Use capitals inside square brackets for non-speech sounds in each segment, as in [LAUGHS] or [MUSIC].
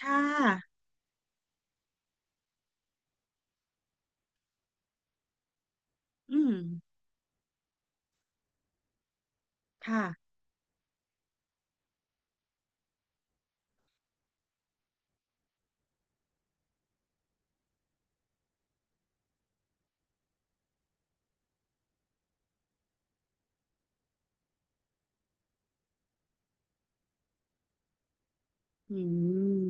ค่ะอืมค่ะอืม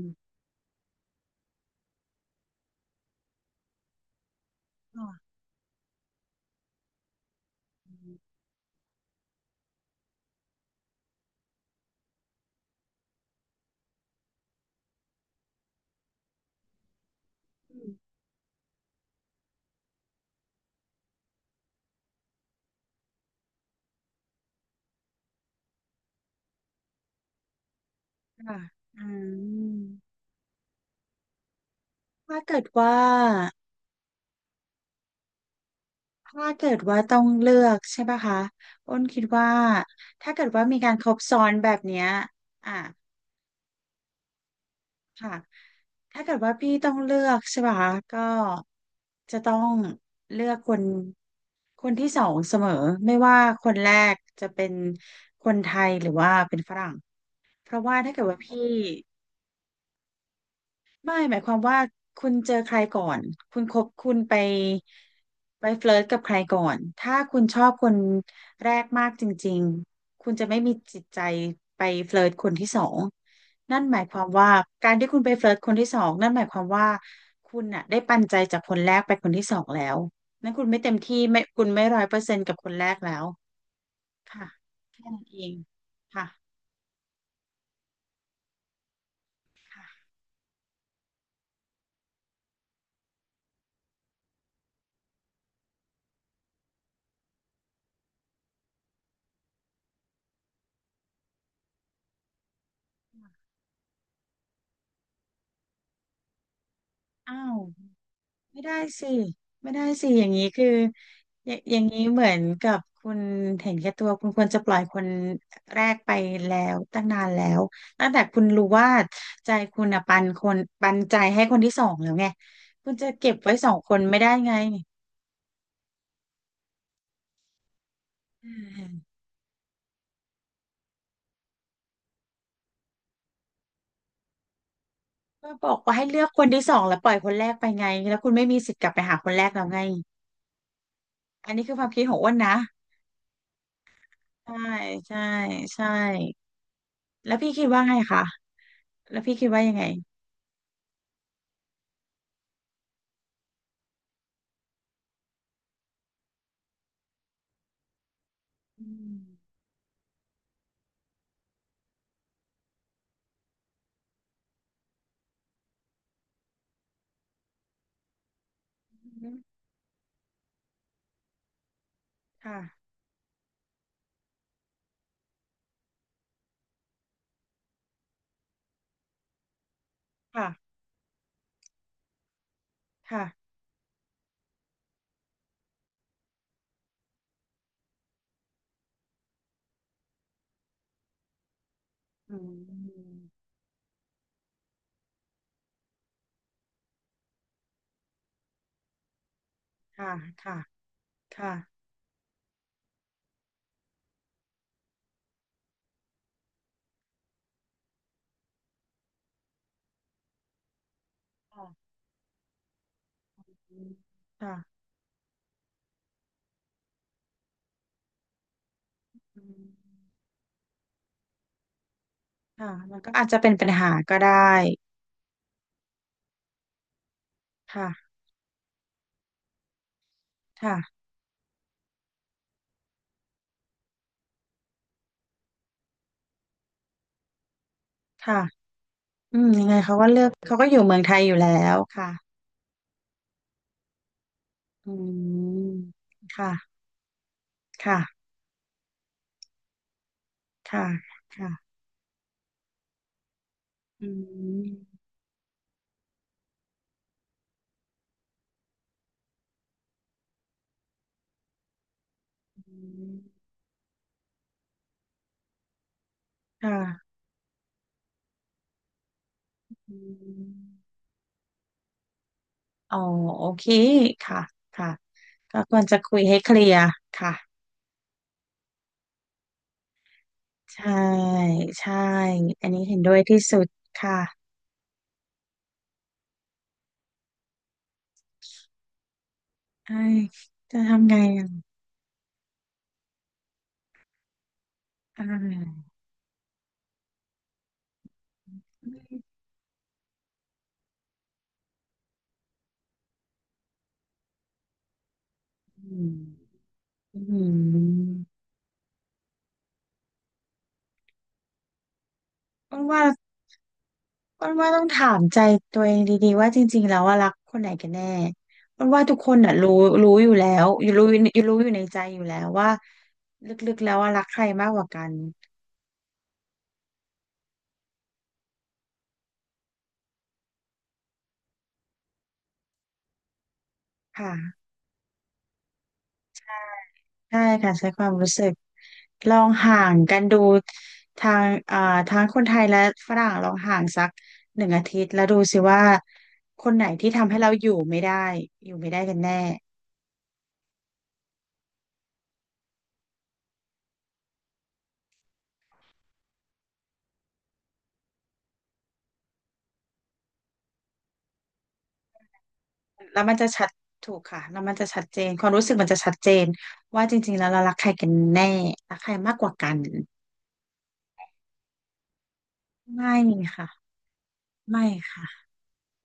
ค่ะอืมค่ะอืมถ้าเกิดว่าถ้าเกิดว่าต้องเลือกใช่ปะคะอ้นคิดว่าถ้าเกิดว่ามีการครบซ้อนแบบเนี้ยอ่ะค่ะถ้าเกิดว่าพี่ต้องเลือกใช่ปะคะก็จะต้องเลือกคนคนที่สองเสมอไม่ว่าคนแรกจะเป็นคนไทยหรือว่าเป็นฝรั่งเพราะว่าถ้าเกิดว่าพี่ ไม่หมายความว่าคุณเจอใครก่อนคุณคบคุณไปไปเฟลิร์ตกับใครก่อนถ้าคุณชอบคนแรกมากจริงๆคุณจะไม่มีจิตใจไปเฟลิร์ตคนที่สองนั่นหมายความว่าการที่คุณไปเฟลิร์ตคนที่สองนั่นหมายความว่าคุณน่ะได้ปันใจจากคนแรกไปคนที่สองแล้วนั่นคุณไม่เต็มที่ไม่คุณไม่ร้อยเปอร์เซ็นต์กับคนแรกแล้วค่ะนั่นเองค่ะค่ะอ้าว ไม่ได้สิไม่ได้สิอย่างนี้คืออย่าอย่างนี้เหมือนกับคุณเห็นแก่ตัวคุณควรจะปล่อยคนแรกไปแล้วตั้งนานแล้วตั้งแต่คุณรู้ว่าใจคุณอ่ะปันคนปันใจให้คนที่สองแล้วไงคุณจะเก็บไว้สองคนไม่ได้ไงอืมก็บอกว่าให้เลือกคนที่สองแล้วปล่อยคนแรกไปไงแล้วคุณไม่มีสิทธิ์กลับไปหาคนแรกแล้วไงอันนี้คือความคิดของอ้วนนะใช่ใช่ใช่แล้วพี่คิดว่าไงคะแล้วพี่คิดว่ายังไงอืม ค่ะค่ะค่ะอืมค่ะค่ะค่ะค่ะอืมค่ะอืมค่ะมันก็อาจจะเป็นปัญหาก็ได้ค่ะค่ะค่ะอืม ยังไงเขาก็เลือกเขาก็อยู่เมืองไทยอยู่แล้วค่ะอืมค่ะค่ะค่ะค่ะอืมค่ะอืมอ๋อโอเค ค่ะ ค่ะ ก็ควรจะคุยให้เคลียร์ค่ะ ใช่ใช่ อันนี้เห็นด้วยที่สุดค่ะเอ้ยจะทำไงอ่ะอ่าอืมอืมอ้วนว่าอ้วนว่าต้องถามใจตัวเองดีๆว่าจริงๆแล้วว่ารักคนไหนกันแน่อ้วนว่าทุกคนอ่ะรู้รู้อยู่แล้วอยู่รู้อยู่รู้อยู่ในใจอยู่แล้วว่าลึกๆแล้วว่ารักใครมากกว่ากันค่ะ ใช่ค่ะใช้ความรู้สึกลองห่างกันดูทางอ่าทั้งคนไทยและฝรั่งลองห่างสักหนึ่งอาทิตย์แล้วดูสิว่าคนไหนที่ทำให้เราอยู่ไม่ได้อยู่ไม่ได้กันแน่แล้วมันจะชัดถูกค่ะแล้วมันจะชัดเจนความรู้สึกมันจะชัดเจนว่าจริงๆแล้วเรารักใครกันแน่รักใครมากกว่ากันไม่ค่ะไม่ค่ะ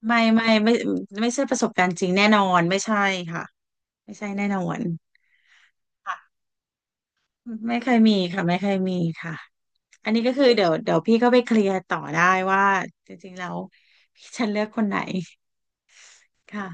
ไม่ไม่ไม่ไม่ใช่ประสบการณ์จริงแน่นอนไม่ใช่ค่ะไม่ใช่แน่นอนค่ะ ไม่เคยมีค่ะไม่เคยมีค่ะอันนี้ก็คือเดี๋ยวเดี๋ยวพี่ก็ไปเคลียร์ต่อได้ว่าจริงๆแล้วพี่ฉันเลือกคนไหนค่ะ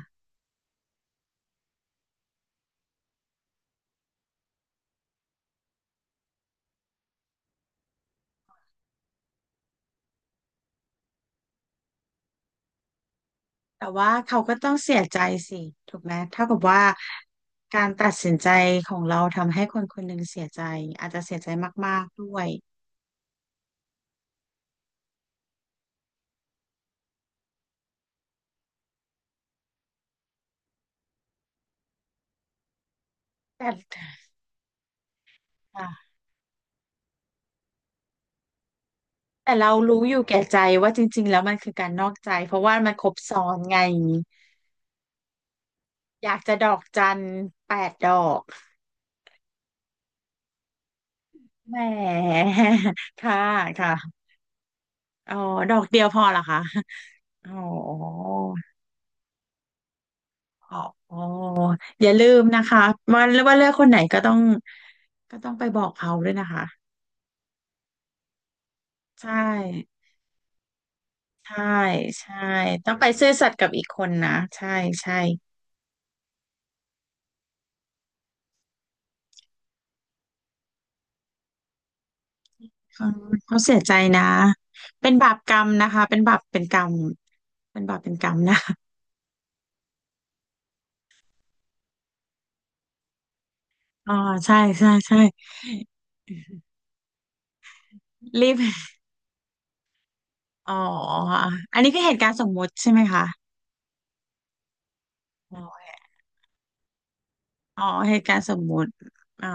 แต่ว่าเขาก็ต้องเสียใจสิถูกไหมเท่ากับว่าการตัดสินใจของเราทำให้คนคนหนึ่งเสียใจอาจจะเสียใจมากๆด้วยแต่ค่ะแต่เรารู้อยู่แก่ใจว่าจริงๆแล้วมันคือการนอกใจเพราะว่ามันครบซ้อนไงอยากจะดอกจันแปดดอกแหม [LAUGHS] ค่ะค่ะ อ๋อดอกเดียวพอเหรอคะอ๋ออ๋ออ๋ออย่าลืมนะคะว่าว่าเลือกคนไหนก็ต้องก็ต้องไปบอกเขาด้วยนะคะใช่ใช่ใช่ต้องไปซื่อสัตย์กับอีกคนนะใช่ใช่เขาเขาเสียใจนะเป็นบาปกรรมนะคะเป็นบาปเป็นกรรมเป็นบาปเป็นกรรมนะอ๋อใช่ใช่ใช่รีบอ๋ออันนี้คือเหตุการณ์สมมุติใช่ไหมคะอ๋อเหตุการณ์สมมุติอ๋อ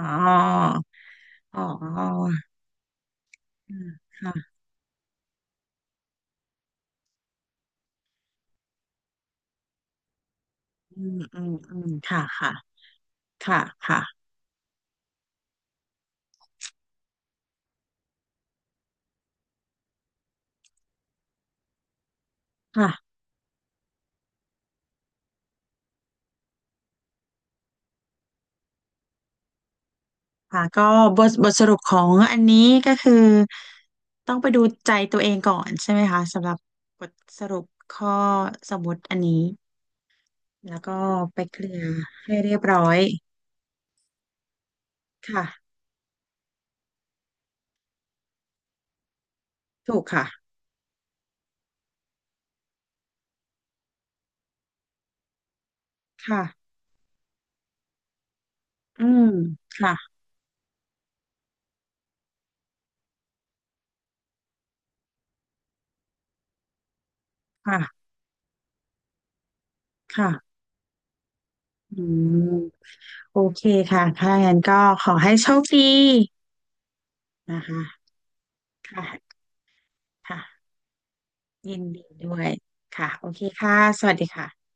อ๋ออืมค่ะอืมอืมอืมค่ะค่ะค่ะค่ะค่ะค่ะก็บทบทสรุปของอันนี้ก็คือต้องไปดูใจตัวเองก่อนใช่ไหมคะสำหรับบทสรุปข้อสมมติอันนี้แล้วก็ไปเคลียร์ให้เรียบร้อยค่ะถูกค่ะค่ะอืมค่ะค่ะค่ะอืมโอเคค่ะถ้าอย่างนั้นก็ขอให้โชคดีนะคะค่ะค่ะ ยินดีด้วยค่ะโอเคค่ะสวัสดีค่ะ